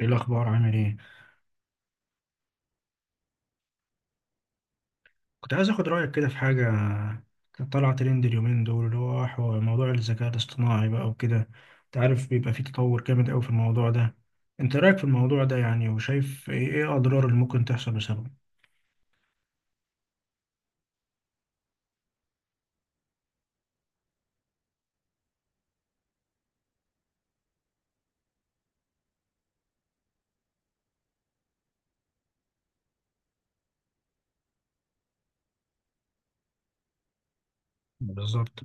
ايه الاخبار عامل ايه؟ كنت عايز اخد رايك كده في حاجه كانت طالعه ترند اليومين دول موضوع الذكاء الاصطناعي بقى وكده. انت عارف بيبقى فيه تطور جامد قوي في الموضوع ده. انت رايك في الموضوع ده يعني، وشايف إيه اضرار اللي ممكن تحصل بسببه؟ بالظبط.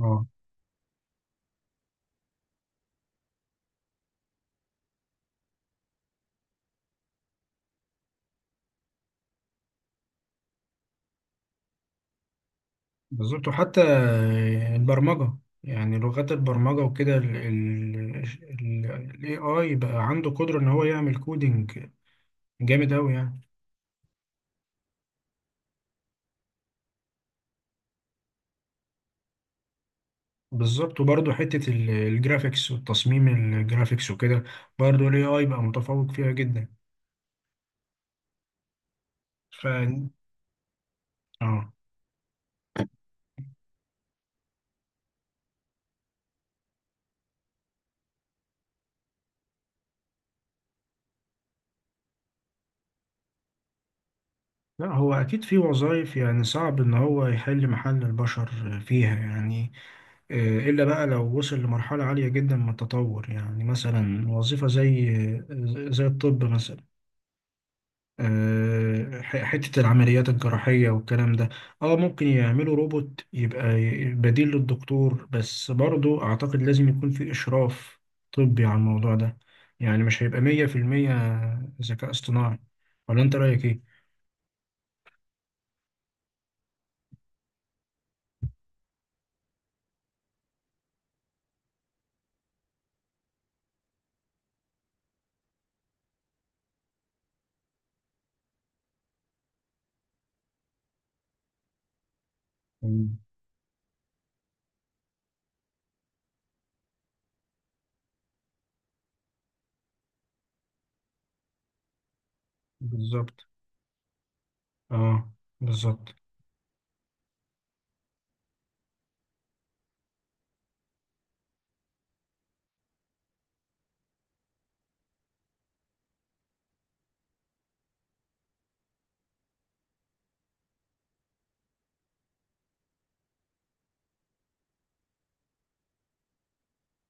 اه، بالظبط. وحتى البرمجه، يعني لغات البرمجه وكده، ال AI بقى عنده قدره ان هو يعمل كودينج جامد قوي يعني. بالظبط. وبرضه حتة الجرافيكس والتصميم، الجرافيكس وكده برضه ال AI بقى متفوق فيها جدا. ف اه، لا هو أكيد في وظائف يعني صعب إن هو يحل محل البشر فيها يعني، إلا بقى لو وصل لمرحلة عالية جدا من التطور. يعني مثلا وظيفة زي زي الطب مثلا، حتة العمليات الجراحية والكلام ده. اه ممكن يعملوا روبوت يبقى بديل للدكتور، بس برضو اعتقد لازم يكون في اشراف طبي على الموضوع ده. يعني مش هيبقى مية في المية ذكاء اصطناعي. ولا انت رأيك ايه؟ مم. بالظبط. اه، بالظبط.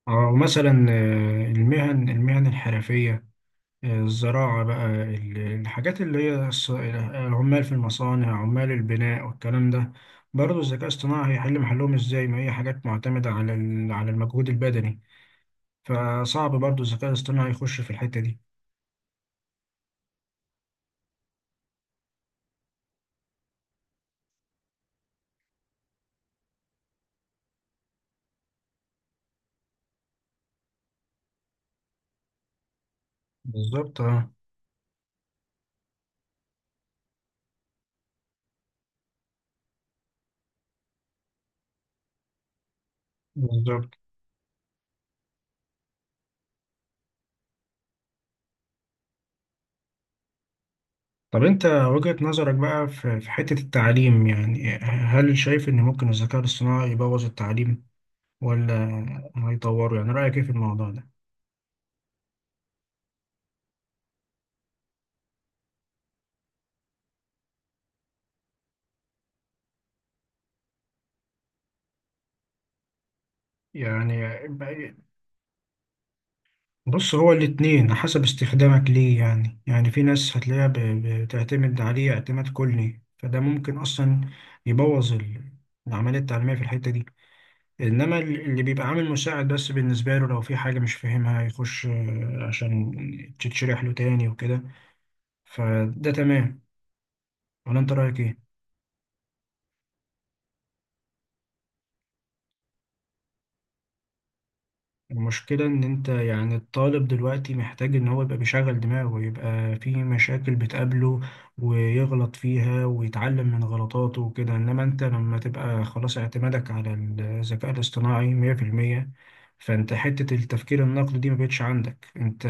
اه، ومثلا المهن الحرفية، الزراعة بقى، الحاجات اللي هي عمال في المصانع، عمال البناء والكلام ده، برضه الذكاء الاصطناعي هيحل محلهم ازاي؟ ما هي حاجات معتمدة على على المجهود البدني، فصعب برضه الذكاء الاصطناعي يخش في الحتة دي. بالظبط. اه، بالظبط. طب انت وجهة نظرك بقى في في حتة التعليم، يعني هل شايف ان ممكن الذكاء الاصطناعي يبوظ التعليم ولا هيطوره؟ يعني رأيك ايه في الموضوع ده؟ يعني بص، هو الاتنين حسب استخدامك ليه. يعني يعني في ناس هتلاقيها بتعتمد عليه اعتماد كلي، فده ممكن أصلا يبوظ العملية التعليمية في الحتة دي. إنما اللي بيبقى عامل مساعد بس بالنسبة له، لو في حاجة مش فاهمها يخش عشان تتشرح له تاني وكده، فده تمام. ولا أنت رأيك إيه؟ المشكلة إن أنت يعني الطالب دلوقتي محتاج إن هو يبقى بيشغل دماغه، ويبقى في مشاكل بتقابله ويغلط فيها ويتعلم من غلطاته وكده. إنما أنت لما تبقى خلاص اعتمادك على الذكاء الاصطناعي مية في المية، فأنت حتة التفكير النقدي دي مبقتش عندك. أنت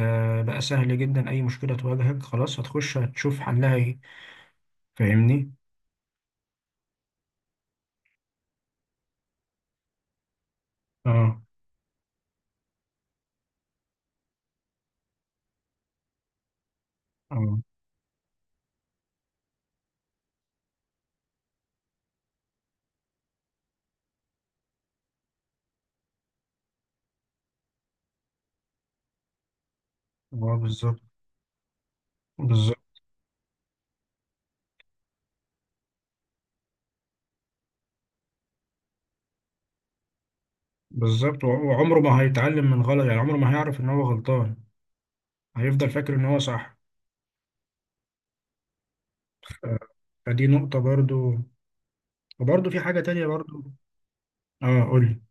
بقى سهل جدا، أي مشكلة تواجهك خلاص هتخش هتشوف حلها إيه. فاهمني؟ آه. آه. آه، بالظبط. بالظبط. بالظبط، وعمره ما هيتعلم من غلط، يعني عمره ما هيعرف إن هو غلطان، هيفضل فاكر ان هو صح. آه، فدي نقطة برضو. وبرضو في حاجة تانية برضو. اه، قولي.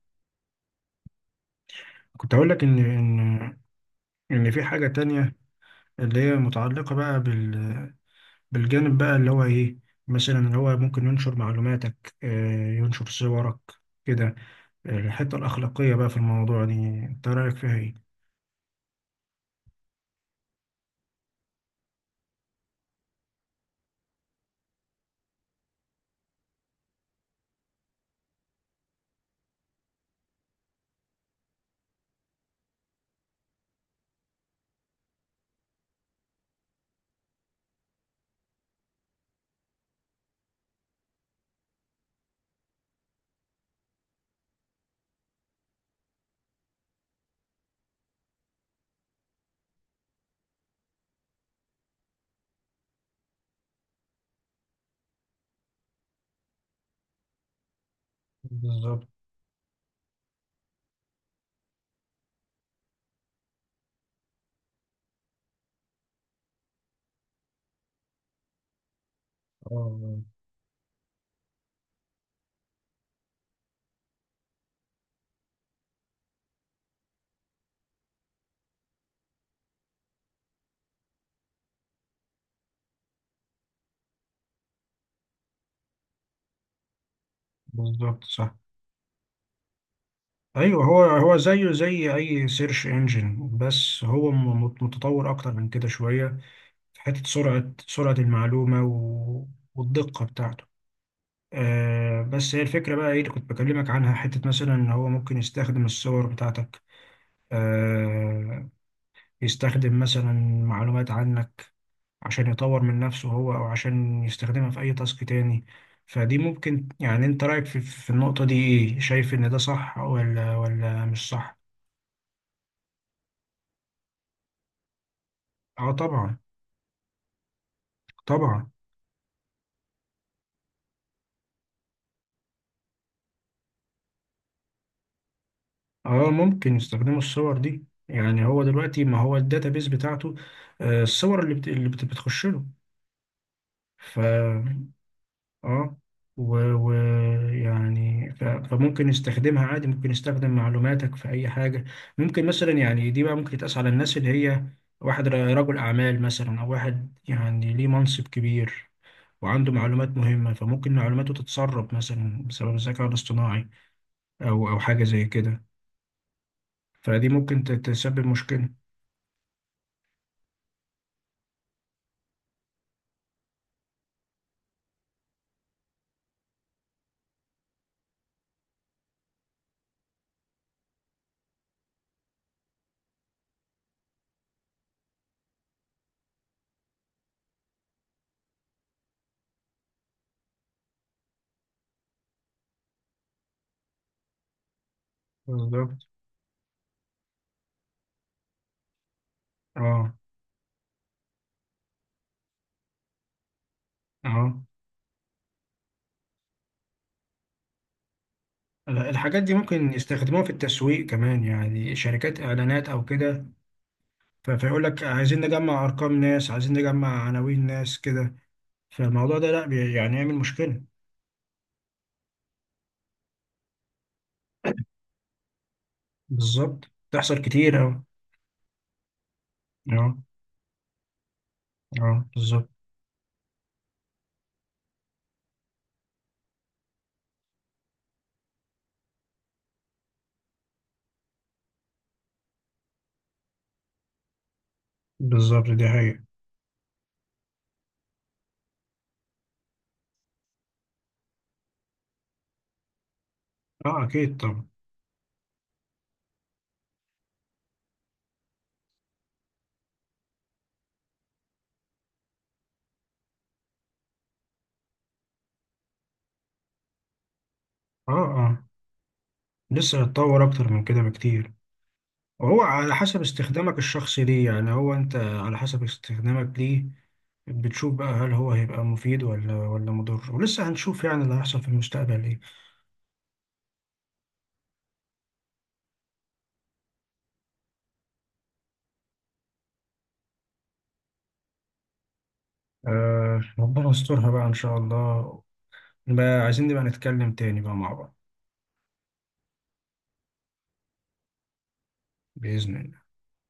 كنت هقول لك ان في حاجة تانية، اللي هي متعلقة بقى بالجانب بقى اللي هو ايه. مثلا اللي هو ممكن ينشر معلوماتك، ينشر صورك كده. الحتة الأخلاقية بقى في الموضوع دي، انت رأيك فيها ايه؟ بالظبط. اه، بالظبط، صح. ايوه، هو هو زيه زي اي سيرش انجن، بس هو متطور اكتر من كده شوية، في حتة سرعة المعلومة و... والدقة بتاعته. آه، بس هي الفكرة بقى ايه اللي كنت بكلمك عنها؟ حتة مثلا ان هو ممكن يستخدم الصور بتاعتك، آه، يستخدم مثلا معلومات عنك عشان يطور من نفسه هو، او عشان يستخدمها في اي تاسك تاني. فدي ممكن، يعني انت رأيك في النقطة دي ايه؟ شايف ان ده صح ولا مش صح؟ اه، طبعا. طبعا. اه، ممكن يستخدموا الصور دي. يعني هو دلوقتي ما هو الداتابيز بتاعته، الصور بتخش له. ف اه، ويعني ف، فممكن يستخدمها عادي، ممكن يستخدم معلوماتك في اي حاجه. ممكن مثلا، يعني دي بقى ممكن تقاس على الناس اللي هي واحد رجل اعمال مثلا، او واحد يعني ليه منصب كبير وعنده معلومات مهمه، فممكن معلوماته تتسرب مثلا بسبب الذكاء الاصطناعي، او حاجه زي كده. فدي ممكن تسبب مشكله. بالظبط. اه. اه، الحاجات دي ممكن يستخدموها في التسويق كمان، يعني شركات اعلانات او كده. فيقول لك عايزين نجمع ارقام ناس، عايزين نجمع عناوين ناس كده. فالموضوع ده لا يعني يعمل مشكلة. بالظبط، تحصل كتير. اه. اه. اه، بالظبط. بالظبط، دي حقيقة. اه، اكيد طبعا. اه. اه، لسه هيتطور اكتر من كده بكتير. هو على حسب استخدامك الشخصي ليه. يعني هو انت على حسب استخدامك ليه بتشوف بقى هل هو هيبقى مفيد ولا مضر. ولسه هنشوف يعني اللي هيحصل في المستقبل ايه. آه، ربنا يسترها بقى ان شاء الله. بقى عايزين نبقى نتكلم تاني بقى مع بعض. بإذن الله.